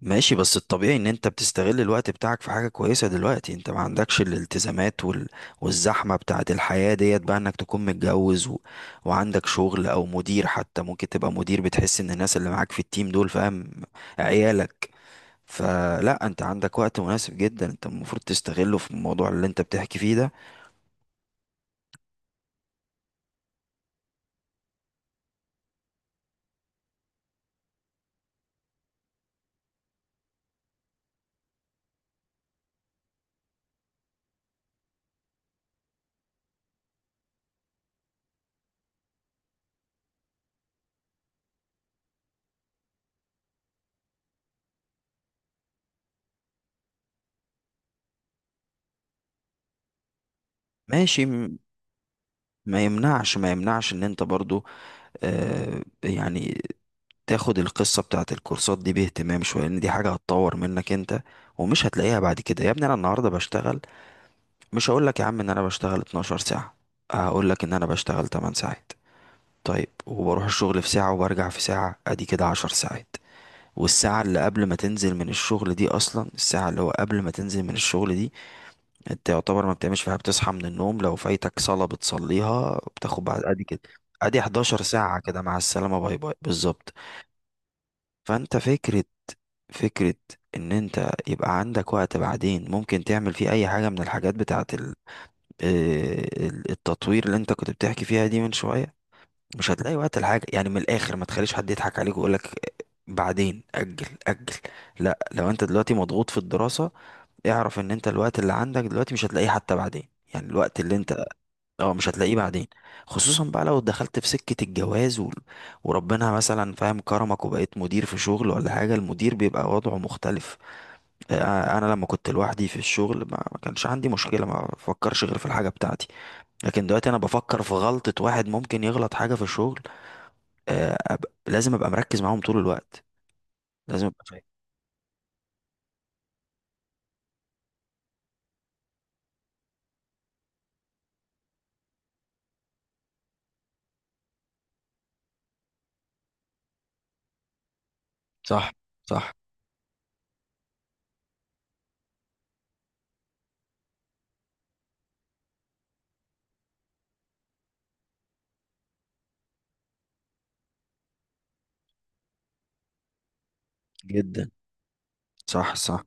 ماشي، بس الطبيعي ان انت بتستغل الوقت بتاعك في حاجة كويسة. دلوقتي انت ما عندكش الالتزامات وال... والزحمة بتاعت الحياة ديت، بقى انك تكون متجوز و... وعندك شغل، او مدير حتى ممكن تبقى مدير بتحس ان الناس اللي معاك في التيم دول فاهم عيالك. فلا، انت عندك وقت مناسب جدا، انت المفروض تستغله في الموضوع اللي انت بتحكي فيه ده. ماشي، ما يمنعش ان انت برضو، آه يعني تاخد القصة بتاعت الكورسات دي باهتمام شوية، لأن دي حاجة هتطور منك أنت. ومش هتلاقيها بعد كده يا ابني. أنا النهاردة بشتغل، مش هقولك يا عم إن أنا بشتغل 12 ساعة، هقولك إن أنا بشتغل 8 ساعات. طيب، وبروح الشغل في ساعة وبرجع في ساعة، أدي كده 10 ساعات. والساعة اللي قبل ما تنزل من الشغل دي أصلا، الساعة اللي هو قبل ما تنزل من الشغل دي، أنت يعتبر ما بتعملش فيها. بتصحى من النوم، لو فايتك صلاة بتصليها، بتاخد بعد أدي كده، أدي 11 ساعة كده. مع السلامة، باي باي، بالظبط. فأنت فكرة ان انت يبقى عندك وقت بعدين ممكن تعمل فيه اي حاجة من الحاجات بتاعة التطوير اللي انت كنت بتحكي فيها دي من شوية. مش هتلاقي وقت الحاجة، يعني من الاخر، ما تخليش حد يضحك عليك ويقولك بعدين، اجل اجل. لا، لو انت دلوقتي مضغوط في الدراسة، اعرف ان انت الوقت اللي عندك دلوقتي مش هتلاقيه حتى بعدين. يعني الوقت اللي انت، اه، مش هتلاقيه بعدين. خصوصا بقى لو دخلت في سكة الجواز و... وربنا مثلا فاهم كرمك وبقيت مدير في شغل ولا حاجة، المدير بيبقى وضعه مختلف. انا لما كنت لوحدي في الشغل ما كانش عندي مشكله، ما بفكرش غير في الحاجه بتاعتي. لكن دلوقتي انا بفكر في غلطه، واحد ممكن يغلط حاجه في الشغل. لازم ابقى مركز معاهم طول الوقت، لازم ابقى فاهم. صح، صح جدا، صح، صح،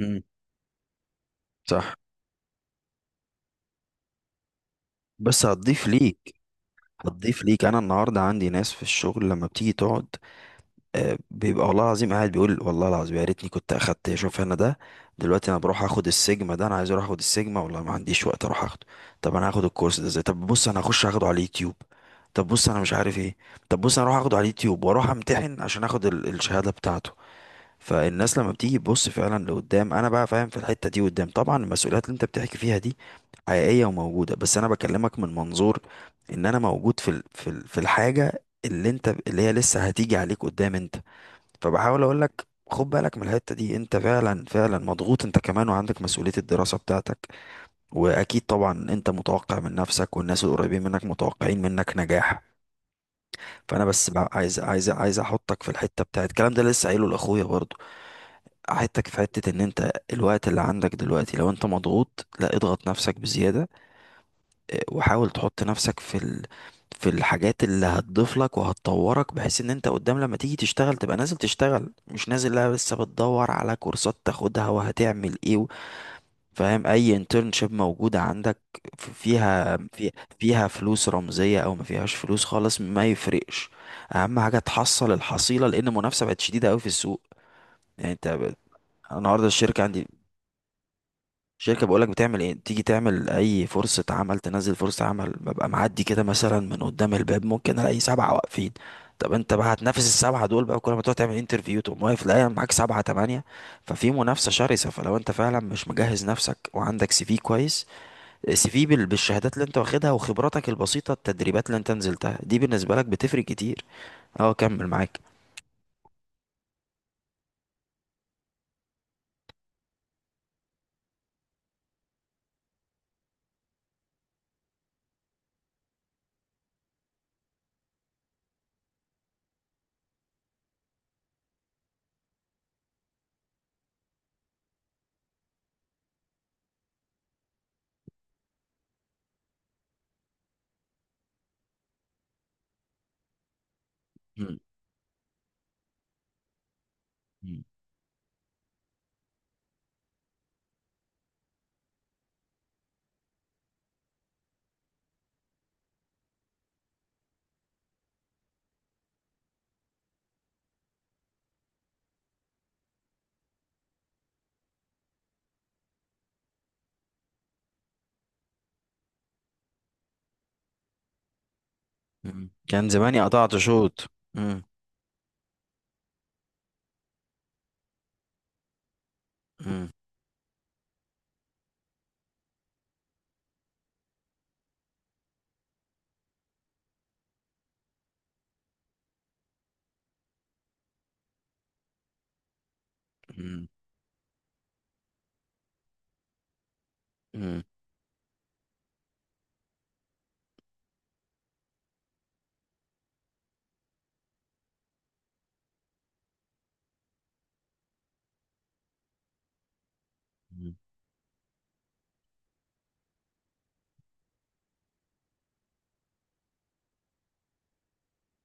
امم، صح. بس هتضيف ليك، هتضيف ليك. انا النهارده عندي ناس في الشغل لما بتيجي تقعد، بيبقى والله العظيم قاعد بيقول، والله العظيم يا ريتني كنت اخدت شوف انا ده. دلوقتي انا بروح اخد السيجما ده، انا عايز اروح اخد السيجما، والله ما عنديش وقت اروح اخده. طب انا هاخد الكورس ده ازاي؟ طب بص، انا هخش اخده على اليوتيوب. طب بص، انا مش عارف ايه. طب بص، انا اروح اخده على اليوتيوب واروح امتحن عشان اخد الشهادة بتاعته. فالناس لما بتيجي تبص فعلا لقدام، انا بقى فاهم في الحتة دي قدام. طبعا المسؤوليات اللي انت بتحكي فيها دي حقيقية وموجودة، بس انا بكلمك من منظور ان انا موجود في الحاجة اللي انت، اللي هي لسه هتيجي عليك قدام انت. فبحاول اقول لك خد بالك من الحتة دي، انت فعلا فعلا مضغوط انت كمان، وعندك مسؤولية الدراسة بتاعتك. واكيد طبعا انت متوقع من نفسك، والناس القريبين منك متوقعين منك نجاح. فانا بس بقى عايز، عايز احطك في الحتة بتاعت الكلام ده، لسه قايله لاخويا برضو. احطك في حتة ان انت الوقت اللي عندك دلوقتي، لو انت مضغوط لا اضغط نفسك بزيادة، وحاول تحط نفسك في ال... في الحاجات اللي هتضيف لك وهتطورك، بحيث ان انت قدام لما تيجي تشتغل تبقى نازل تشتغل، مش نازل لا لسه بتدور على كورسات تاخدها وهتعمل ايه فاهم. اي انترنشيب موجودة عندك فيها في... فيها فلوس رمزية او ما فيهاش فلوس خالص، ما يفرقش. اهم حاجة تحصل الحصيلة، لان المنافسة بقت شديدة قوي في السوق. يعني انت النهارده الشركة عندي، شركة، بقولك بتعمل ايه، تيجي تعمل اي فرصة عمل، تنزل فرصة عمل، ببقى معدي كده مثلا من قدام الباب ممكن الاقي 7 واقفين. طب انت بقى هتنافس ال7 دول بقى، كل ما تقعد تعمل انترفيو تقوم واقف، لا معاك 7 8. ففي منافسة شرسة، فلو انت فعلا مش مجهز نفسك وعندك سي في كويس، سي في بالشهادات اللي انت واخدها وخبراتك البسيطة، التدريبات اللي انت نزلتها دي بالنسبة لك بتفرق كتير. اه، كمل معاك. مم، مم، مم. كان زماني قطعت شوط. مم، مم، مم، مم،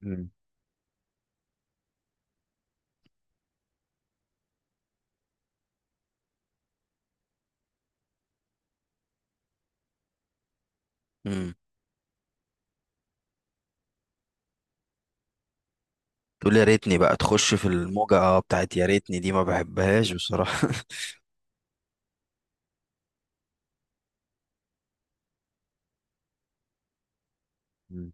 مم، مم. تقول يا ريتني بقى، تخش في الموجة، اه بتاعت يا ريتني دي ما بحبهاش بصراحة. مم.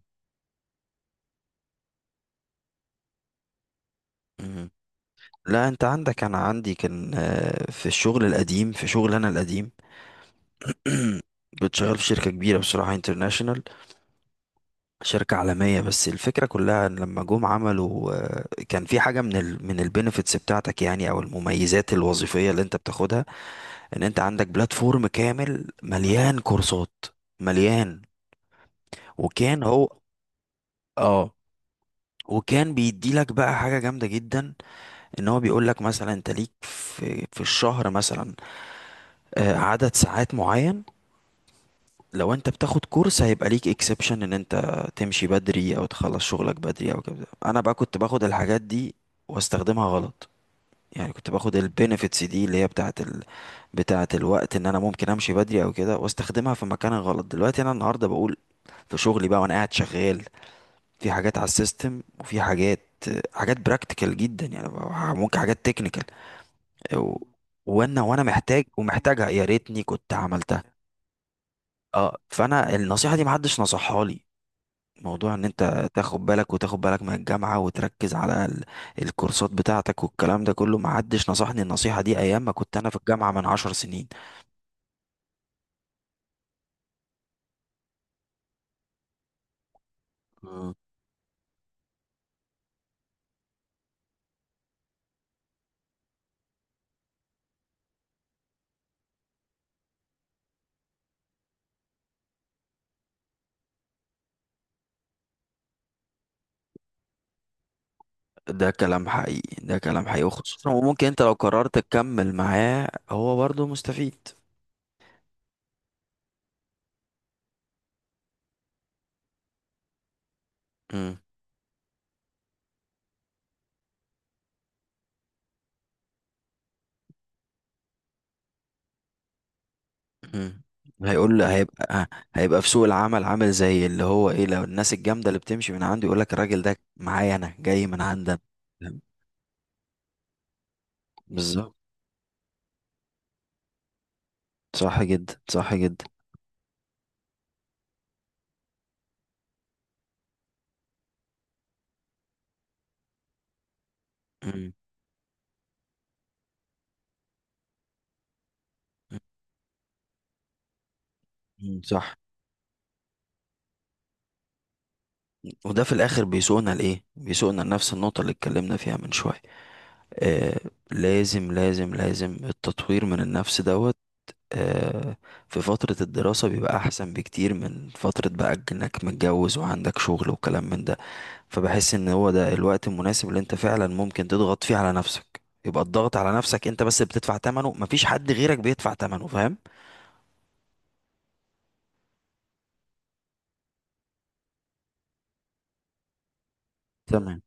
مم. لا انت عندك، انا عندي كان، في الشغل القديم، في شغل انا القديم، كنت شغال في شركة كبيرة بصراحة، انترناشونال، شركة عالمية. بس الفكرة كلها ان لما جم عملوا، كان في حاجة من ال من البينيفيتس بتاعتك يعني، او المميزات الوظيفية اللي انت بتاخدها، ان انت عندك بلاتفورم كامل مليان كورسات، مليان. وكان هو اه وكان بيديلك بقى حاجة جامدة جدا. ان هو بيقول لك مثلا انت ليك في الشهر مثلا، عدد ساعات معين. لو انت بتاخد كورس هيبقى ليك اكسبشن ان انت تمشي بدري او تخلص شغلك بدري او كده. انا بقى كنت باخد الحاجات دي واستخدمها غلط. يعني كنت باخد البينيفيتس دي اللي هي بتاعه ال... بتاعه الوقت، ان انا ممكن امشي بدري او كده، واستخدمها في مكان غلط. دلوقتي انا النهارده بقول في شغلي بقى، وانا قاعد شغال، في حاجات على السيستم وفي حاجات، حاجات براكتيكال جدا يعني، ممكن حاجات تكنيكال و- وانا محتاج ومحتاجها، يا ريتني كنت عملتها. اه، فانا النصيحه دي محدش نصحها لي، موضوع ان انت تاخد بالك وتاخد بالك من الجامعه وتركز على الكورسات بتاعتك والكلام ده كله، محدش نصحني النصيحه دي ايام ما كنت انا في الجامعه من 10 سنين. مم. ده كلام حقيقي، ده كلام حقيقي، وخصوصا وممكن انت لو قررت تكمل معاه هو برضه مستفيد. مم. مم. هيقول له- هيبقى ه- هيبقى في سوق العمل عامل زي اللي هو ايه، لو الناس الجامده اللي بتمشي من عنده، يقول لك الراجل ده معايا انا، جاي من عندنا، فاهم؟ بالظبط. صح جدا، صح جدا. مم. مم. صح. وده في الاخر بيسوقنا لايه، بيسوقنا لنفس النقطه اللي اتكلمنا فيها من شويه. آه، لازم لازم لازم التطوير من النفس دوت. آه، في فترة الدراسة بيبقى أحسن بكتير من فترة بقى إنك متجوز وعندك شغل وكلام من ده. فبحس إن هو ده الوقت المناسب اللي أنت فعلا ممكن تضغط فيه على نفسك. يبقى الضغط على نفسك أنت بس بتدفع تمنه، مفيش حد غيرك بيدفع تمنه، فاهم؟ تمام.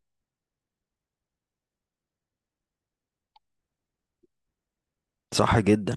صح جدا.